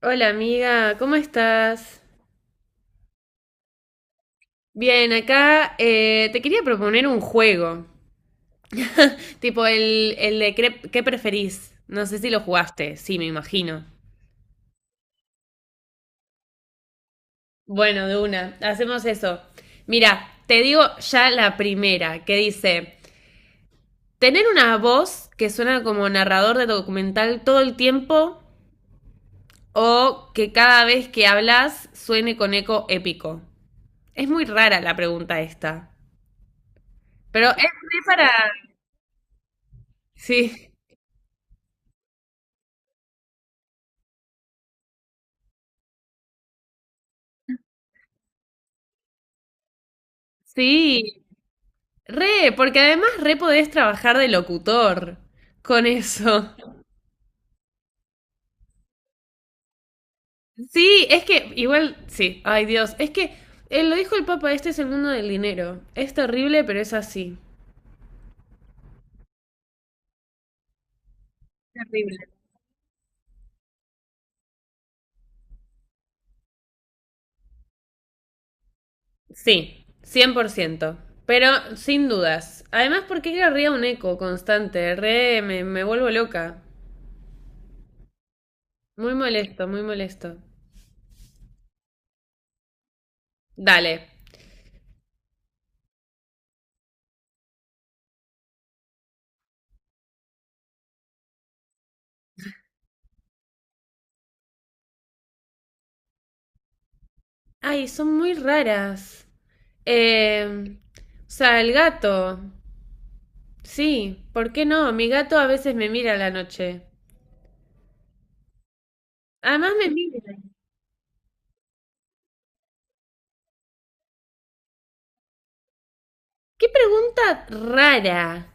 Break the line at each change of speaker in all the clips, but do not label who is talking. Hola amiga, ¿cómo estás? Bien, acá te quería proponer un juego, tipo el de qué preferís. No sé si lo jugaste, sí, me imagino. Bueno, de una, hacemos eso. Mira, te digo ya la primera, que dice, tener una voz que suena como narrador de documental todo el tiempo o que cada vez que hablas suene con eco épico. Es muy rara la pregunta esta, pero es re para... Sí, sí. Re, porque además re podés trabajar de locutor con eso. Sí, es que igual, sí, ay Dios, es que lo dijo el Papa, este es el mundo del dinero. Es terrible, pero es así. Terrible. Sí, 100%. Pero sin dudas. Además, ¿porque qué querría un eco constante? Re, me vuelvo loca. Muy molesto, muy molesto. Dale. Ay, son muy raras. Eh, o sea, el gato. Sí, ¿por qué no? Mi gato a veces me mira a la noche. Además me mira. ¡Qué pregunta rara!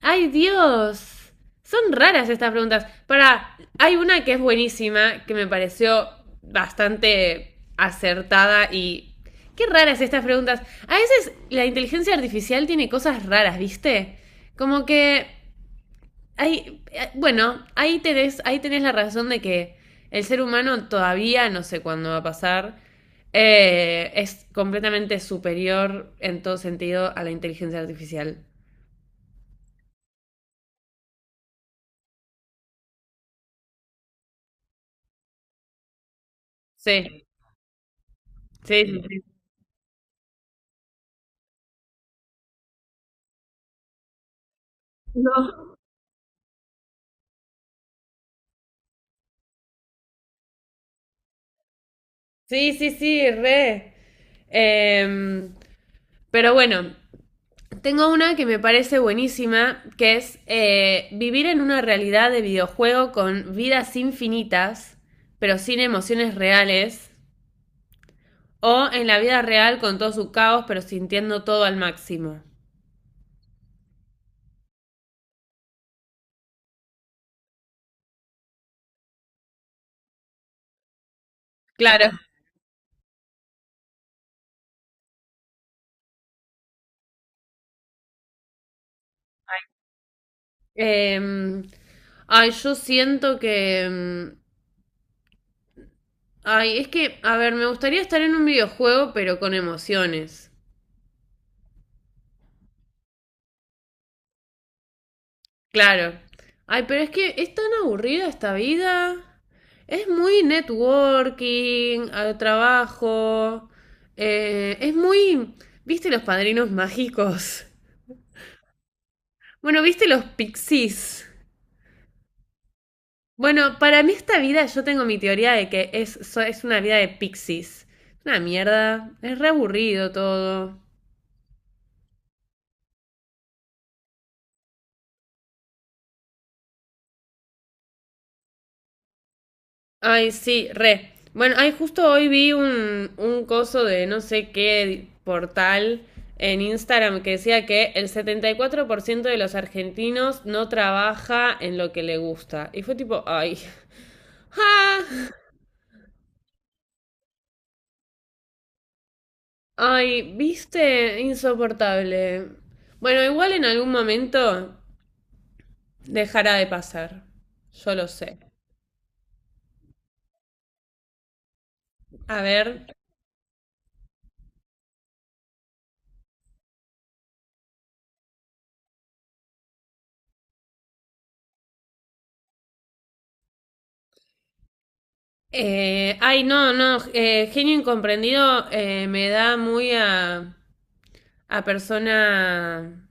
¡Ay, Dios! Son raras estas preguntas. Para, hay una que es buenísima, que me pareció bastante acertada y... ¡Qué raras estas preguntas! A veces la inteligencia artificial tiene cosas raras, ¿viste? Como que... Ahí, bueno, ahí tenés la razón de que el ser humano todavía, no sé cuándo va a pasar, es completamente superior en todo sentido a la inteligencia artificial. Sí, sí, sí, sí, sí, sí, sí, re. Em, pero bueno, tengo una que me parece buenísima, que es vivir en una realidad de videojuego con vidas infinitas, pero sin emociones reales, o en la vida real con todo su caos, pero sintiendo todo al máximo. Claro. Em, ay, yo siento que... ay, es que, a ver, me gustaría estar en un videojuego, pero con emociones. Claro. Ay, pero es que es tan aburrida esta vida. Es muy networking, al trabajo. Es muy... ¿Viste los padrinos mágicos? Bueno, ¿viste los pixies? Bueno, para mí esta vida, yo tengo mi teoría de que es, es una vida de pixies. Una mierda, es re aburrido todo. Ay, sí, re. Bueno, ay, justo hoy vi un coso de no sé qué portal en Instagram que decía que el 74% de los argentinos no trabaja en lo que le gusta. Y fue tipo, ay, ah, ay, viste, insoportable. Bueno, igual en algún momento dejará de pasar. Yo lo sé. A ver. Ay, no, no. Genio incomprendido, me da muy a persona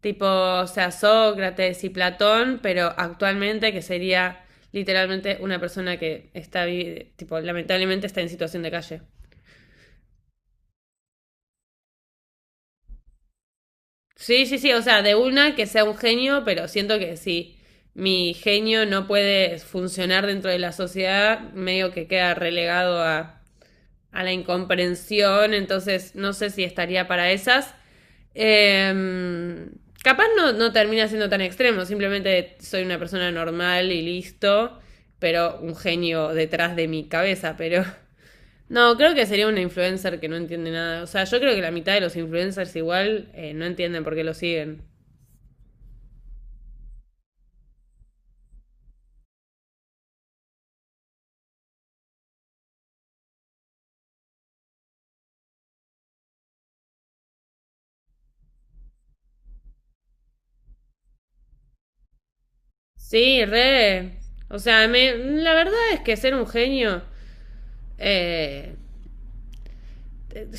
tipo, o sea, Sócrates y Platón, pero actualmente que sería literalmente una persona que está, tipo, lamentablemente está en situación de calle. Sí, sí, sí, o sea, de una que sea un genio, pero siento que si mi genio no puede funcionar dentro de la sociedad, medio que queda relegado a la incomprensión, entonces no sé si estaría para esas. Eh, capaz no, no termina siendo tan extremo, simplemente soy una persona normal y listo, pero un genio detrás de mi cabeza, pero... No, creo que sería una influencer que no entiende nada. O sea, yo creo que la mitad de los influencers igual no entienden por qué lo siguen. Sí, re. O sea, la verdad es que ser un genio, eh,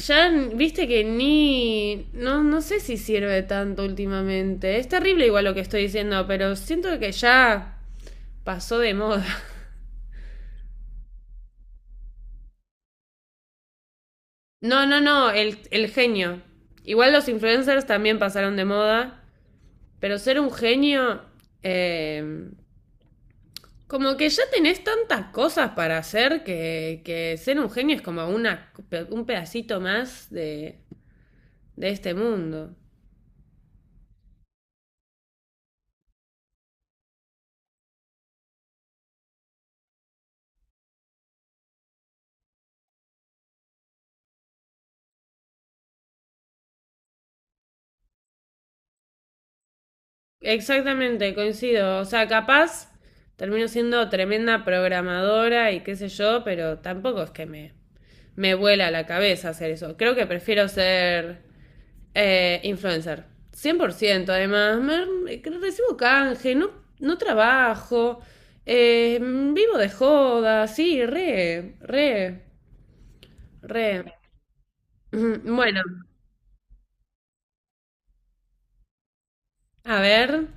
ya viste que ni. No, no sé si sirve tanto últimamente. Es terrible igual lo que estoy diciendo, pero siento que ya pasó de moda. No, no, no, el genio. Igual los influencers también pasaron de moda, pero ser un genio. eh, Como que ya tenés tantas cosas para hacer que ser un genio es como una, un pedacito más de este mundo. Exactamente, coincido. O sea, capaz termino siendo tremenda programadora y qué sé yo, pero tampoco es que me vuela la cabeza hacer eso. Creo que prefiero ser influencer. 100%. Además, recibo canje, no, no trabajo, eh, vivo de joda, sí, re, re, re. Ujú. Bueno, a ver.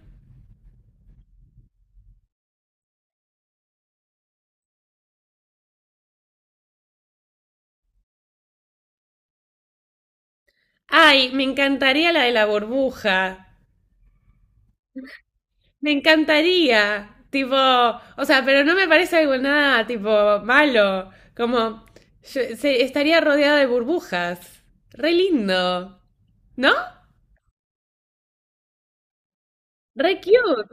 Ay, me encantaría la de la burbuja. Me encantaría, tipo, o sea, pero no me parece algo nada, tipo, malo, como, estaría rodeada de burbujas, re lindo, ¿no? Re cute,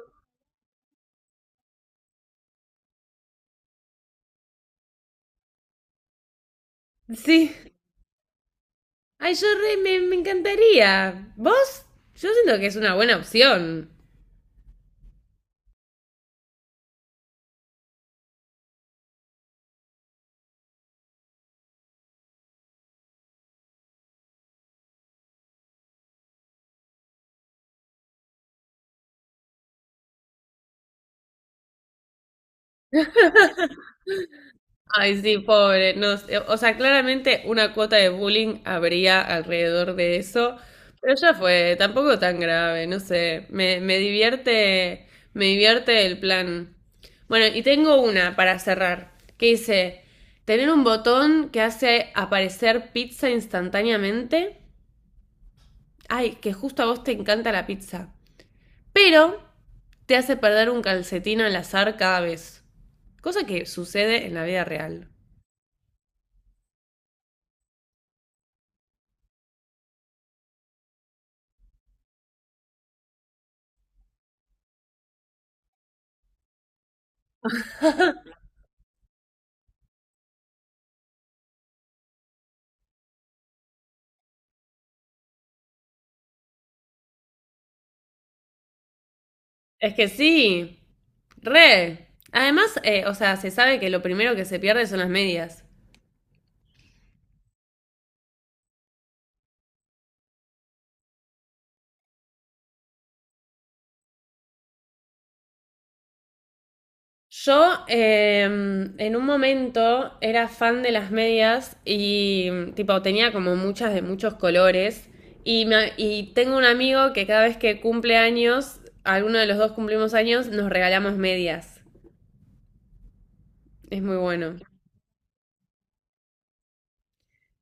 sí. Ay, yo re, me encantaría. ¿Vos? Yo siento que es una buena opción. Ay, sí, pobre. No, sé, o sea, claramente una cuota de bullying habría alrededor de eso, pero ya fue, tampoco tan grave, no sé. Me divierte el plan. Bueno, y tengo una para cerrar, que dice, tener un botón que hace aparecer pizza instantáneamente. Ay, que justo a vos te encanta la pizza, pero te hace perder un calcetín al azar cada vez. Cosa que sucede en la vida real. Es que sí. Re. Además, o sea, se sabe que lo primero que se pierde son las medias. Yo en un momento era fan de las medias y tipo tenía como muchas de muchos colores y tengo un amigo que cada vez que cumple años, alguno de los dos cumplimos años, nos regalamos medias. Es muy bueno.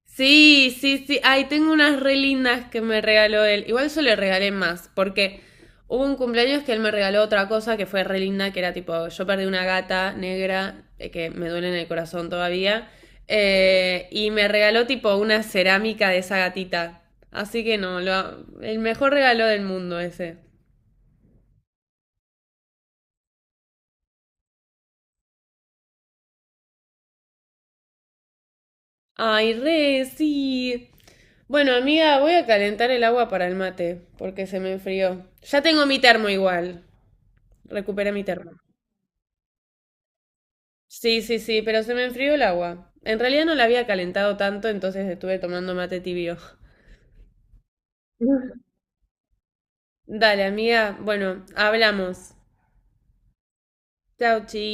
Sí, sí, sí. Ay, tengo unas re lindas que me regaló él. Igual yo le regalé más, porque hubo un cumpleaños que él me regaló otra cosa que fue re linda, que era tipo, yo perdí una gata negra, que me duele en el corazón todavía, y me regaló tipo una cerámica de esa gatita. Así que no, el mejor regalo del mundo ese. Ay, re, sí. Bueno, amiga, voy a calentar el agua para el mate, porque se me enfrió. Ya tengo mi termo igual. Recuperé mi termo. Sí, sí, sí, pero se me enfrió el agua. En realidad no la había calentado tanto, entonces estuve tomando mate tibio. Dale, amiga. Bueno, hablamos. Chau, chi.